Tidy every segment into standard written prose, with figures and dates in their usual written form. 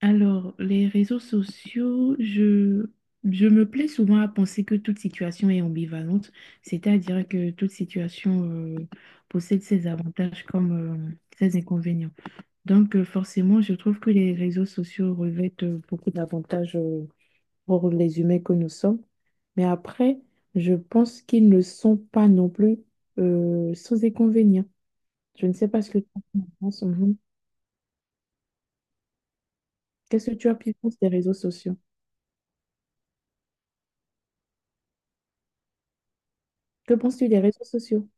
Alors, les réseaux sociaux, je me plais souvent à penser que toute situation est ambivalente, c'est-à-dire que toute situation euh, possède ses avantages comme ses inconvénients. Donc, forcément, je trouve que les réseaux sociaux revêtent beaucoup d'avantages pour les humains que nous sommes. Mais après, je pense qu'ils ne sont pas non plus sans inconvénients. Je ne sais pas ce que tu en penses. Mhm. Qu'est-ce que tu as pu penser des réseaux sociaux? Que penses-tu des réseaux sociaux?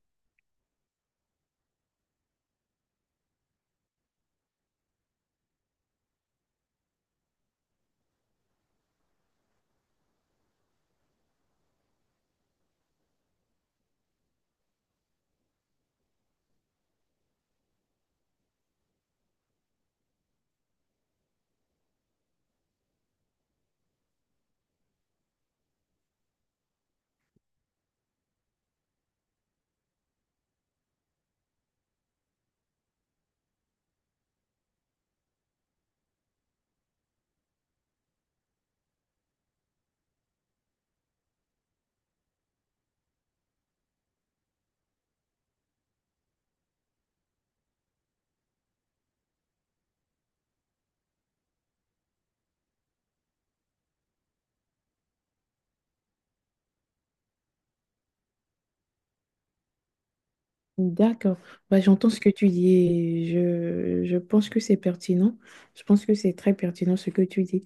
D'accord. Bah, j'entends ce que tu dis et je pense que c'est pertinent. Je pense que c'est très pertinent ce que tu dis.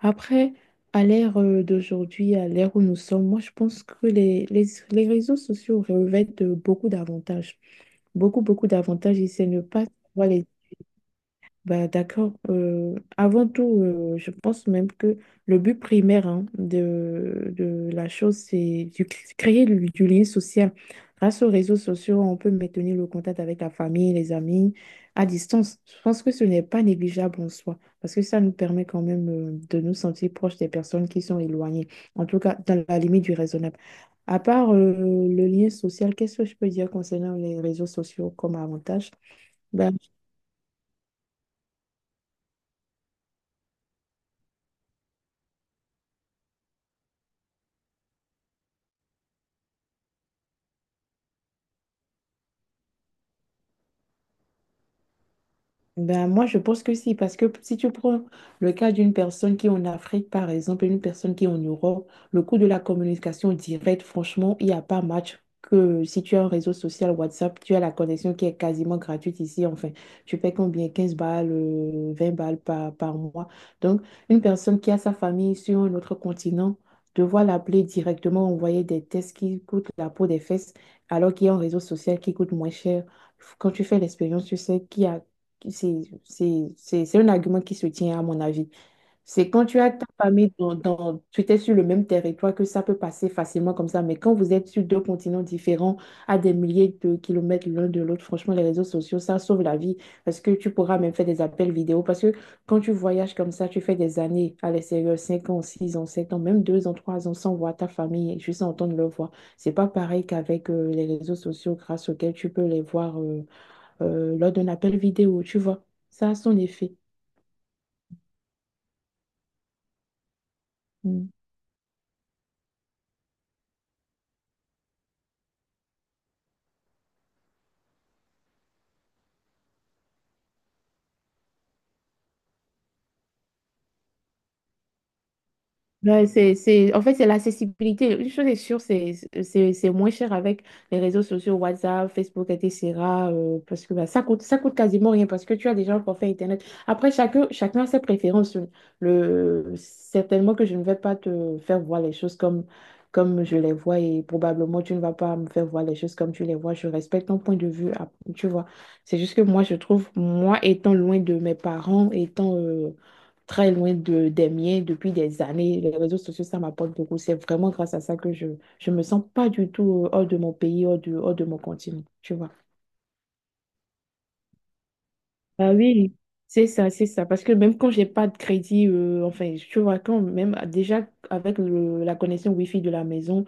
Après, à l'ère d'aujourd'hui, à l'ère où nous sommes, moi, je pense que les réseaux sociaux revêtent beaucoup d'avantages. Beaucoup, beaucoup d'avantages et c'est ne pas savoir les bah, d'accord. Avant tout, je pense même que le but primaire hein, de la chose, c'est de créer du lien social. Grâce aux réseaux sociaux, on peut maintenir le contact avec la famille, les amis, à distance. Je pense que ce n'est pas négligeable en soi, parce que ça nous permet quand même de nous sentir proches des personnes qui sont éloignées, en tout cas dans la limite du raisonnable. À part le lien social, qu'est-ce que je peux dire concernant les réseaux sociaux comme avantage? Ben, Ben, moi, je pense que si, parce que si tu prends le cas d'une personne qui est en Afrique, par exemple, et une personne qui est en Europe, le coût de la communication directe, franchement, il n'y a pas match que si tu as un réseau social WhatsApp, tu as la connexion qui est quasiment gratuite ici. Enfin, tu payes combien? 15 balles, 20 balles par, par mois. Donc, une personne qui a sa famille sur un autre continent, devoir l'appeler directement, envoyer des tests qui coûtent la peau des fesses, alors qu'il y a un réseau social qui coûte moins cher quand tu fais l'expérience, tu sais qu'il y a c'est c'est un argument qui se tient à mon avis. C'est quand tu as ta famille dans, tu étais sur le même territoire que ça peut passer facilement comme ça. Mais quand vous êtes sur deux continents différents, à des milliers de kilomètres l'un de l'autre, franchement, les réseaux sociaux, ça sauve la vie. Parce que tu pourras même faire des appels vidéo. Parce que quand tu voyages comme ça, tu fais des années à l'extérieur, 5 ans, 6 ans, 7 ans, même 2 ans, 3 ans, sans voir ta famille, et juste entendre leur voix. C'est pas pareil qu'avec les réseaux sociaux grâce auxquels tu peux les voir. Lors d'un appel vidéo, tu vois. Ça a son effet. Mm. Ouais, c'est, en fait, c'est l'accessibilité. Une chose est sûre, c'est c'est moins cher avec les réseaux sociaux, WhatsApp, Facebook, etc. Parce que bah, ça coûte quasiment rien parce que tu as déjà un forfait Internet. Après, chacun a ses préférences. Le, certainement que je ne vais pas te faire voir les choses comme, comme je les vois et probablement tu ne vas pas me faire voir les choses comme tu les vois. Je respecte ton point de vue, ah, tu vois. C'est juste que moi, je trouve, moi étant loin de mes parents, étant... très loin de, des miens depuis des années. Les réseaux sociaux, ça m'apporte beaucoup. C'est vraiment grâce à ça que je me sens pas du tout hors de mon pays, hors de mon continent, tu vois. Ah oui, c'est ça. Parce que même quand j'ai pas de crédit, enfin, tu vois, quand même déjà avec la connexion Wi-Fi de la maison,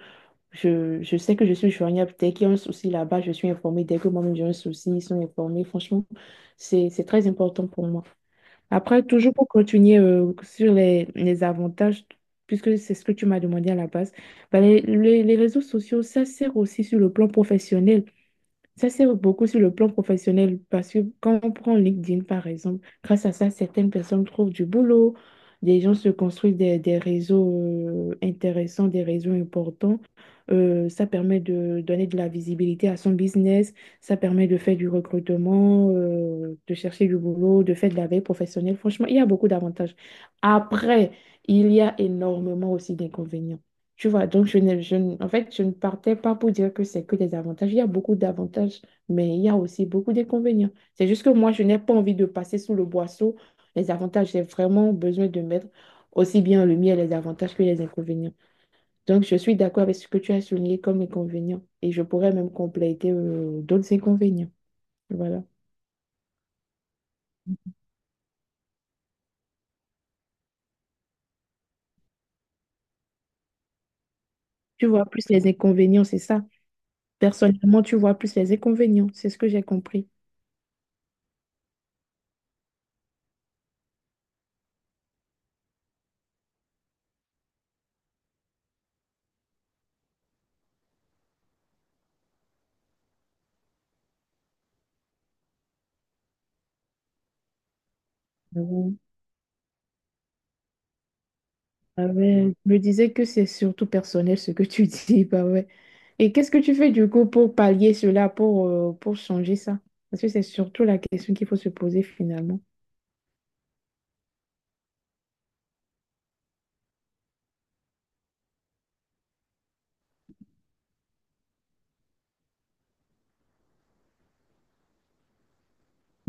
je sais que je suis joignable. Dès qu'il y a un souci là-bas, je suis informée. Dès que moi-même j'ai un souci, ils sont informés. Franchement, c'est très important pour moi. Après, toujours pour continuer sur les avantages, puisque c'est ce que tu m'as demandé à la base, ben, les réseaux sociaux, ça sert aussi sur le plan professionnel. Ça, c'est beaucoup sur le plan professionnel parce que quand on prend LinkedIn, par exemple, grâce à ça, certaines personnes trouvent du boulot, des gens se construisent des réseaux intéressants, des réseaux importants. Ça permet de donner de la visibilité à son business, ça permet de faire du recrutement, de chercher du boulot, de faire de la veille professionnelle. Franchement, il y a beaucoup d'avantages. Après, il y a énormément aussi d'inconvénients. Tu vois, donc je ne- en fait, je ne partais pas pour dire que c'est que des avantages. Il y a beaucoup d'avantages, mais il y a aussi beaucoup d'inconvénients. C'est juste que moi, je n'ai pas envie de passer sous le boisseau. Les avantages, j'ai vraiment besoin de mettre aussi bien en lumière les avantages que les inconvénients. Donc, je suis d'accord avec ce que tu as souligné comme inconvénients et je pourrais même compléter d'autres inconvénients. Voilà. Tu vois plus les inconvénients, c'est ça. Personnellement, tu vois plus les inconvénients, c'est ce que j'ai compris. Ah ouais, je me disais que c'est surtout personnel ce que tu dis, bah ouais. Et qu'est-ce que tu fais du coup pour pallier cela, pour changer ça? Parce que c'est surtout la question qu'il faut se poser finalement.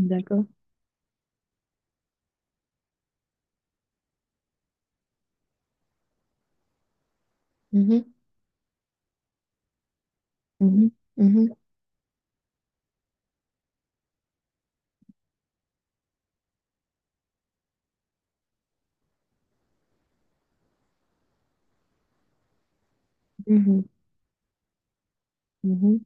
D'accord. Mhm, mhm, mhm, mhm, mhm.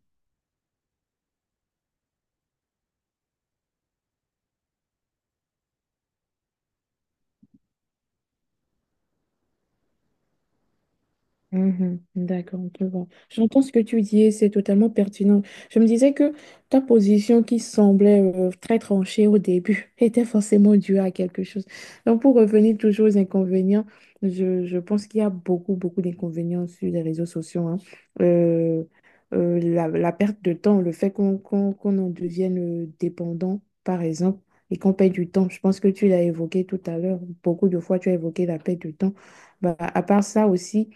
Mhm, d'accord, je vois. J'entends ce que tu dis et c'est totalement pertinent. Je me disais que ta position qui semblait très tranchée au début était forcément due à quelque chose. Donc, pour revenir toujours aux inconvénients, je pense qu'il y a beaucoup, beaucoup d'inconvénients sur les réseaux sociaux, hein. Euh, la perte de temps, le fait qu'on en devienne dépendant, par exemple, et qu'on perd du temps. Je pense que tu l'as évoqué tout à l'heure. Beaucoup de fois, tu as évoqué la perte de temps. Bah, à part ça aussi,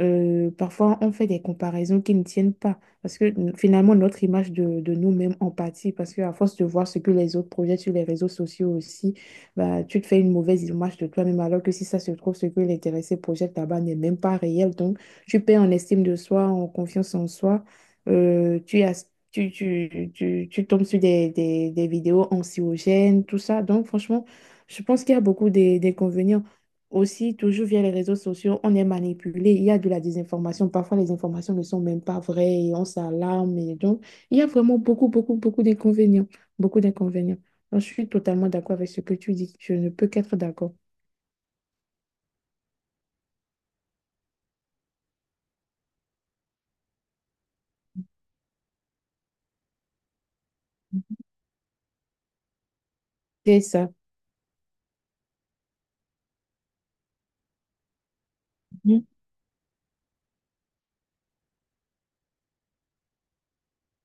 parfois, on fait des comparaisons qui ne tiennent pas, parce que finalement, notre image de nous-mêmes en pâtit, parce qu'à force de voir ce que les autres projettent sur les réseaux sociaux aussi, bah, tu te fais une mauvaise image de toi-même, alors que si ça se trouve, ce que l'intéressé projette là-bas n'est même pas réel. Donc, tu perds en estime de soi, en confiance en soi. Tu, as, tu tombes sur des vidéos anxiogènes, tout ça. Donc, franchement, je pense qu'il y a beaucoup des inconvénients aussi, toujours via les réseaux sociaux, on est manipulé. Il y a de la désinformation. Parfois, les informations ne sont même pas vraies et on s'alarme. Et donc, il y a vraiment beaucoup, beaucoup, beaucoup d'inconvénients. Beaucoup d'inconvénients. Donc, je suis totalement d'accord avec ce que tu dis. Je ne peux qu'être d'accord. C'est ça. Mhm,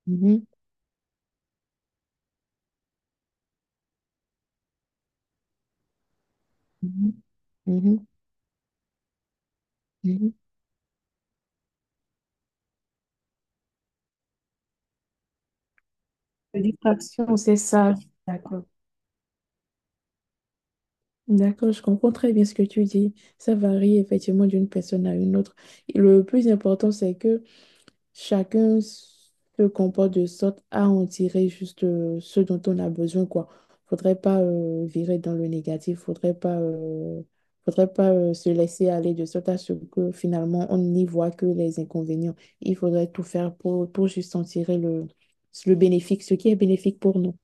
mhm, mhm, mhm, mhm. La distraction, c'est ça. D'accord. D'accord, je comprends très bien ce que tu dis. Ça varie effectivement d'une personne à une autre. Et le plus important, c'est que chacun se comporte de sorte à en tirer juste ce dont on a besoin, quoi. Faudrait pas virer dans le négatif, faudrait pas se laisser aller de sorte à ce que finalement on n'y voit que les inconvénients. Il faudrait tout faire pour juste en tirer le bénéfique, ce qui est bénéfique pour nous.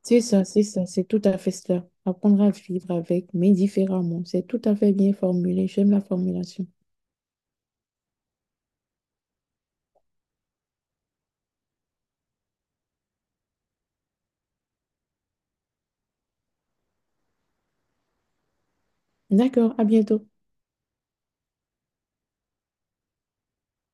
C'est tout à fait cela. Apprendre à vivre avec, mais différemment. C'est tout à fait bien formulé. J'aime la formulation. D'accord, à bientôt.